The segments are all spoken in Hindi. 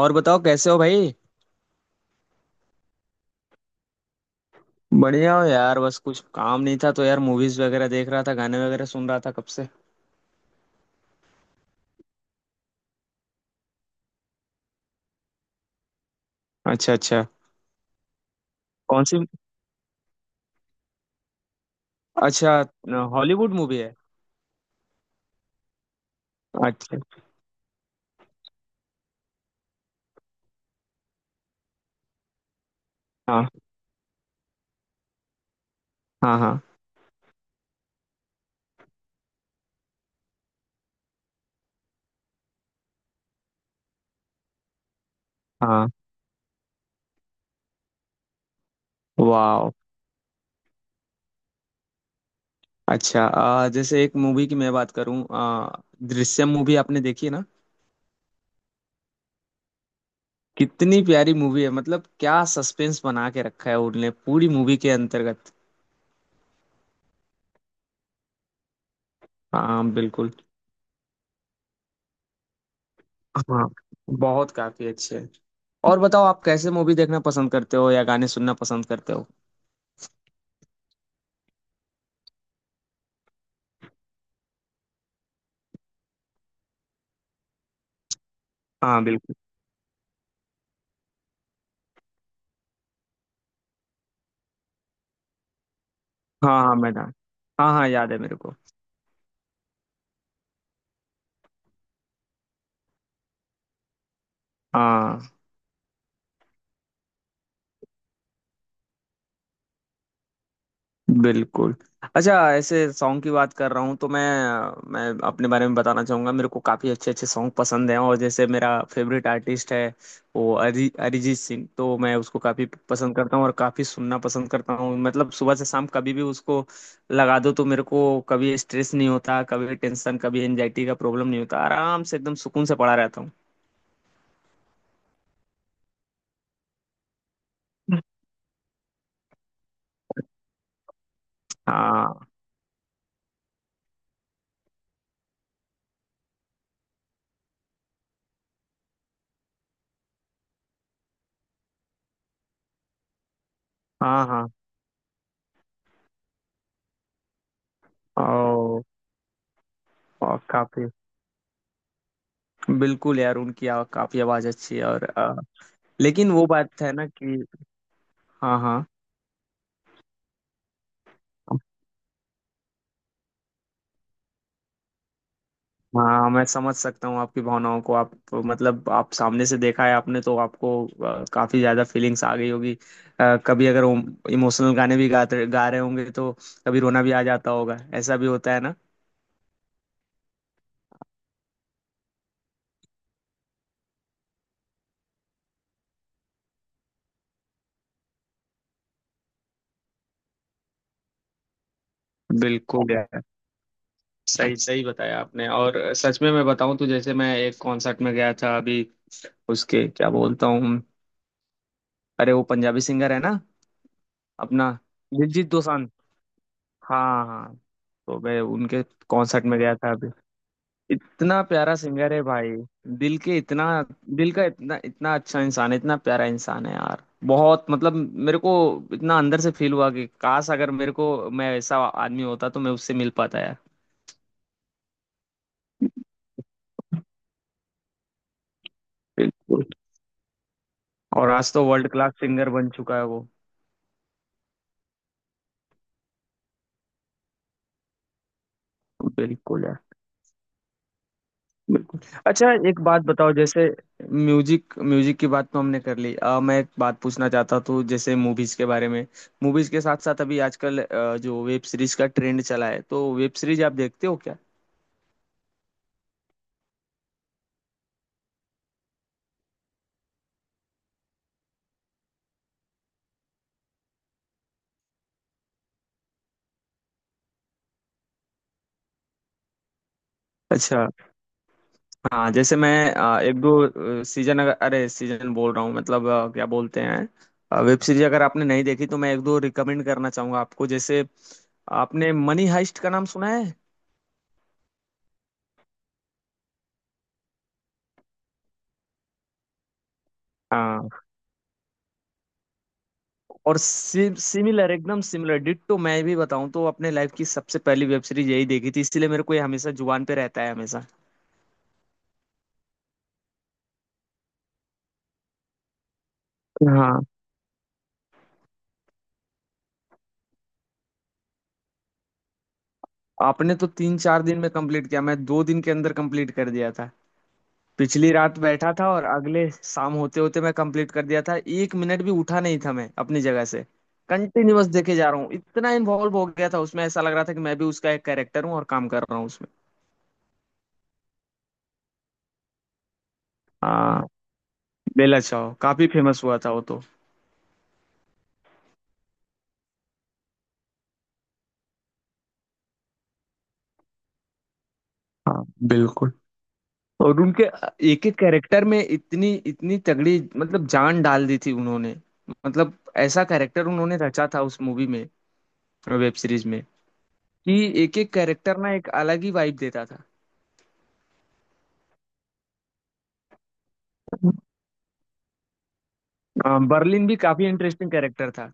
और बताओ कैसे हो भाई। बढ़िया हो यार, बस कुछ काम नहीं था तो यार मूवीज वगैरह देख रहा था, गाने वगैरह सुन रहा था कब से। अच्छा अच्छा। कौन सी? अच्छा, हॉलीवुड मूवी है? अच्छा। हाँ हाँ। हाँ हाँ। वाह। अच्छा, जैसे एक मूवी की मैं बात करूँ, दृश्यम मूवी आपने देखी है ना। कितनी प्यारी मूवी है, मतलब क्या सस्पेंस बना के रखा है उनने पूरी मूवी के अंतर्गत। हाँ बिल्कुल। हाँ, बहुत काफी अच्छे है। और बताओ आप कैसे मूवी देखना पसंद करते हो या गाने सुनना पसंद करते हो? हाँ बिल्कुल। हाँ हाँ, मैं जान। हाँ हाँ, याद है मेरे को। हाँ बिल्कुल। अच्छा, ऐसे सॉन्ग की बात कर रहा हूँ तो मैं अपने बारे में बताना चाहूँगा। मेरे को काफ़ी अच्छे अच्छे सॉन्ग पसंद हैं, और जैसे मेरा फेवरेट आर्टिस्ट है वो अरिजीत सिंह, तो मैं उसको काफ़ी पसंद करता हूँ और काफ़ी सुनना पसंद करता हूँ। मतलब सुबह से शाम कभी भी उसको लगा दो तो मेरे को कभी स्ट्रेस नहीं होता, कभी टेंशन, कभी एनजाइटी का प्रॉब्लम नहीं होता, आराम से एकदम सुकून से पड़ा रहता हूँ। हाँ। हाँ। हाँ। ओ, ओ काफी, बिल्कुल यार, उनकी काफी आवाज अच्छी है, और लेकिन वो बात है ना कि। हाँ हाँ। हाँ, मैं समझ सकता हूँ आपकी भावनाओं को। आप मतलब आप सामने से देखा है आपने तो आपको काफी ज्यादा फीलिंग्स आ गई होगी। कभी अगर इमोशनल गाने भी गाते गा रहे होंगे तो कभी रोना भी आ जाता होगा, ऐसा भी होता है ना। बिल्कुल यार, सही सही बताया आपने। और सच में मैं बताऊं तो जैसे मैं एक कॉन्सर्ट में गया था अभी। उसके क्या बोलता हूँ, अरे वो पंजाबी सिंगर है ना, अपना, दिलजीत दोसांझ। हाँ हाँ। तो मैं उनके कॉन्सर्ट में गया था अभी। इतना प्यारा सिंगर है भाई, दिल के इतना, दिल का इतना, इतना अच्छा इंसान है, इतना प्यारा इंसान है यार। बहुत मतलब, मेरे को इतना अंदर से फील हुआ कि काश अगर मेरे को, मैं ऐसा आदमी होता तो मैं उससे मिल पाता यार। बिल्कुल। और आज तो वर्ल्ड क्लास सिंगर बन चुका है वो। बिल्कुल यार। बिल्कुल। अच्छा, एक बात बताओ, जैसे म्यूजिक, म्यूजिक की बात तो हमने कर ली। मैं एक बात पूछना चाहता था जैसे मूवीज के बारे में। मूवीज के साथ साथ अभी आजकल जो वेब सीरीज का ट्रेंड चला है, तो वेब सीरीज आप देखते हो क्या? अच्छा। हाँ, जैसे मैं एक दो सीजन, अगर, अरे सीजन बोल रहा हूँ मतलब क्या बोलते हैं, वेब सीरीज, अगर आपने नहीं देखी तो मैं एक दो रिकमेंड करना चाहूंगा आपको। जैसे आपने मनी हाइस्ट का नाम सुना है? हाँ। और सिमिलर, एकदम सिमिलर डिट्टो, मैं भी बताऊं तो अपने लाइफ की सबसे पहली वेब सीरीज यही देखी थी, इसलिए मेरे को ये हमेशा जुबान पे रहता है हमेशा। हाँ। आपने तो तीन चार दिन में कंप्लीट किया, मैं दो दिन के अंदर कंप्लीट कर दिया था। पिछली रात बैठा था और अगले शाम होते होते मैं कंप्लीट कर दिया था। एक मिनट भी उठा नहीं था मैं अपनी जगह से। कंटिन्यूअस देखे जा रहा हूँ, इतना इन्वॉल्व हो गया था उसमें, ऐसा लग रहा था कि मैं भी उसका एक कैरेक्टर हूँ और काम कर रहा हूँ उसमें। हाँ। बेला चाओ काफी फेमस हुआ था वो तो। हाँ बिल्कुल। और उनके एक एक कैरेक्टर में इतनी इतनी तगड़ी मतलब जान डाल दी थी उन्होंने। मतलब ऐसा कैरेक्टर उन्होंने रचा था उस मूवी में, वेब सीरीज में, कि एक एक कैरेक्टर ना एक अलग ही वाइब देता था। बर्लिन भी काफी इंटरेस्टिंग कैरेक्टर था।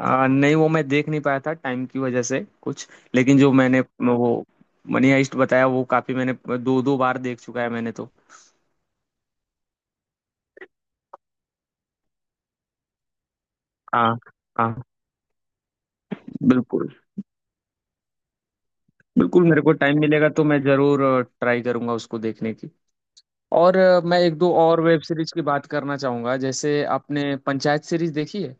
नहीं, वो मैं देख नहीं पाया था टाइम की वजह से कुछ। लेकिन जो मैंने वो मनी हाइस्ट बताया वो काफी, मैंने दो दो बार देख चुका है मैंने तो। हाँ। हाँ। बिल्कुल, बिल्कुल मेरे को टाइम मिलेगा तो मैं जरूर ट्राई करूंगा उसको देखने की। और मैं एक दो और वेब सीरीज की बात करना चाहूंगा। जैसे आपने पंचायत सीरीज देखी है?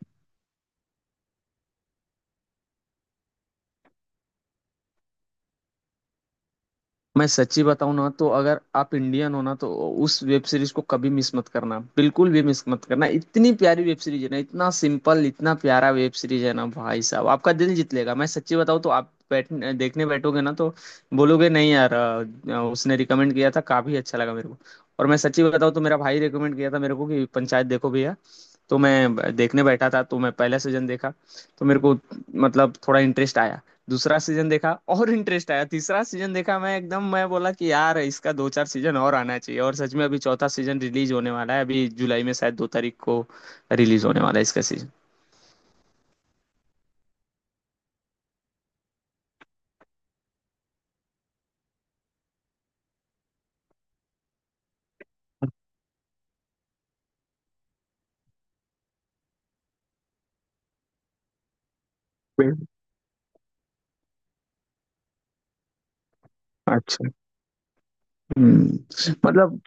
मैं सच्ची बताऊं ना, तो अगर आप इंडियन हो ना तो उस वेब सीरीज को कभी मिस मत करना, बिल्कुल भी मिस मत करना। इतनी प्यारी वेब सीरीज है ना, इतना सिंपल, इतना प्यारा वेब सीरीज है ना भाई साहब, आपका दिल जीत लेगा। मैं सच्ची बताऊं तो आप बैठ देखने बैठोगे ना तो बोलोगे नहीं यार। उसने रिकमेंड किया था, काफी अच्छा लगा मेरे को। और मैं सच्ची बताऊं तो मेरा भाई रिकमेंड किया था मेरे को कि पंचायत देखो भैया। तो मैं देखने बैठा था, तो मैं पहला सीजन देखा तो मेरे को मतलब थोड़ा इंटरेस्ट आया। दूसरा सीजन देखा और इंटरेस्ट आया, तीसरा सीजन देखा, मैं एकदम मैं बोला कि यार इसका दो चार सीजन और आना चाहिए। और सच में अभी चौथा सीजन रिलीज होने वाला है, अभी जुलाई में शायद दो तारीख को रिलीज होने वाला है इसका सीजन। अच्छा। हम्म। मतलब,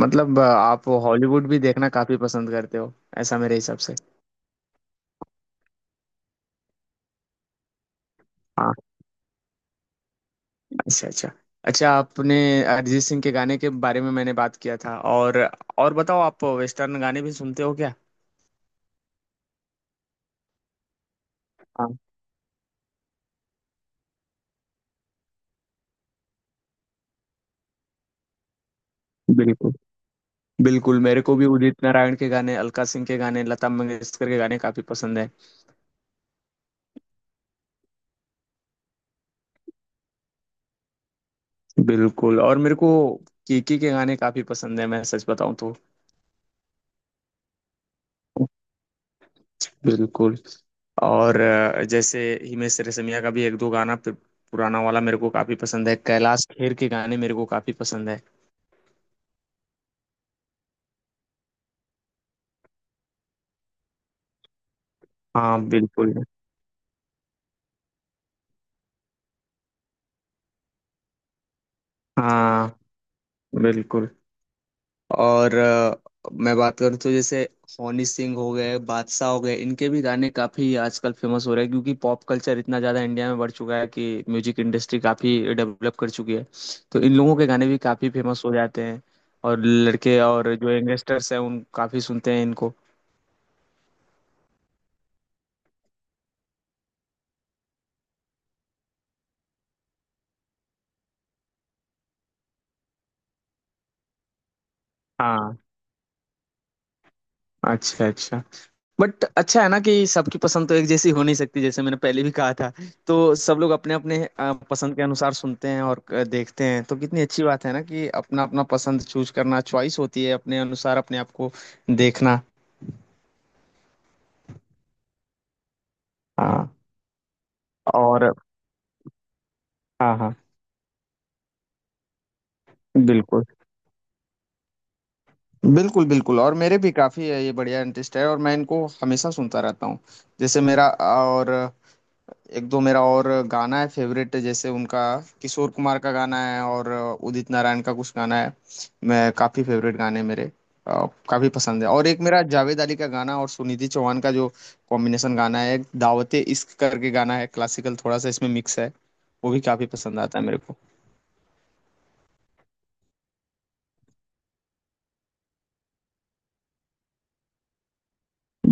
मतलब आप हॉलीवुड भी देखना काफी पसंद करते हो ऐसा मेरे हिसाब से। हाँ। अच्छा अच्छा। अच्छा, आपने अरिजीत सिंह के गाने के बारे में मैंने बात किया था, और बताओ आप वेस्टर्न गाने भी सुनते हो क्या? हाँ बिल्कुल। बिल्कुल मेरे को भी उदित नारायण के गाने, अलका सिंह के गाने, लता मंगेशकर के गाने काफी पसंद है। बिल्कुल। और मेरे को केके के गाने काफी पसंद है, मैं सच बताऊं तो। बिल्कुल। और जैसे हिमेश रेशमिया का भी एक दो गाना पुराना वाला मेरे को काफी पसंद है। कैलाश खेर के गाने मेरे को काफी पसंद है। हाँ बिल्कुल। हाँ बिल्कुल। और मैं बात करूँ तो जैसे हनी सिंह हो गए, बादशाह हो गए, इनके भी गाने काफी आजकल फेमस हो रहे हैं क्योंकि पॉप कल्चर इतना ज्यादा इंडिया में बढ़ चुका है कि म्यूजिक इंडस्ट्री काफी डेवलप कर चुकी है। तो इन लोगों के गाने भी काफी फेमस हो जाते हैं। और लड़के और जो यंगस्टर्स हैं उन काफी सुनते हैं इनको। हाँ। अच्छा अच्छा। बट अच्छा है ना कि सबकी पसंद तो एक जैसी हो नहीं सकती, जैसे मैंने पहले भी कहा था। तो सब लोग अपने अपने पसंद के अनुसार सुनते हैं, और देखते हैं। तो कितनी अच्छी बात है ना कि अपना अपना पसंद चूज करना, चॉइस होती है अपने अनुसार अपने आप को देखना। हाँ। और। हाँ हाँ। बिल्कुल, बिल्कुल बिल्कुल, और मेरे भी काफी है, ये बढ़िया इंटरेस्ट है, और मैं इनको हमेशा सुनता रहता हूँ। जैसे मेरा, और एक दो मेरा और गाना है फेवरेट, जैसे उनका किशोर कुमार का गाना है, और उदित नारायण का कुछ गाना है। मैं काफी फेवरेट गाने मेरे काफी पसंद है। और एक मेरा जावेद अली का गाना और सुनिधि चौहान का जो कॉम्बिनेशन गाना है, एक दावते इश्क करके गाना है, क्लासिकल थोड़ा सा इसमें मिक्स है, वो भी काफी पसंद आता है मेरे को।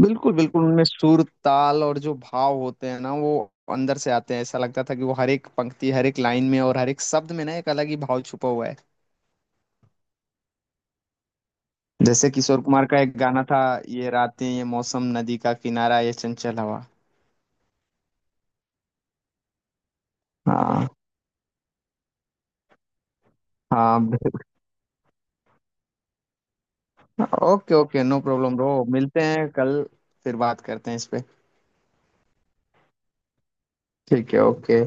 बिल्कुल बिल्कुल, उनमें सुर ताल और जो भाव होते हैं ना, वो अंदर से आते हैं। ऐसा लगता था कि वो हर एक पंक्ति, हर एक लाइन में और हर एक शब्द में ना एक अलग ही भाव छुपा हुआ है। जैसे किशोर कुमार का एक गाना था, ये रातें, ये मौसम, नदी का किनारा, ये चंचल हवा। हाँ हाँ। Okay okay, no problem bro, मिलते हैं कल, फिर बात करते हैं इस पे। ठीक है, ओके।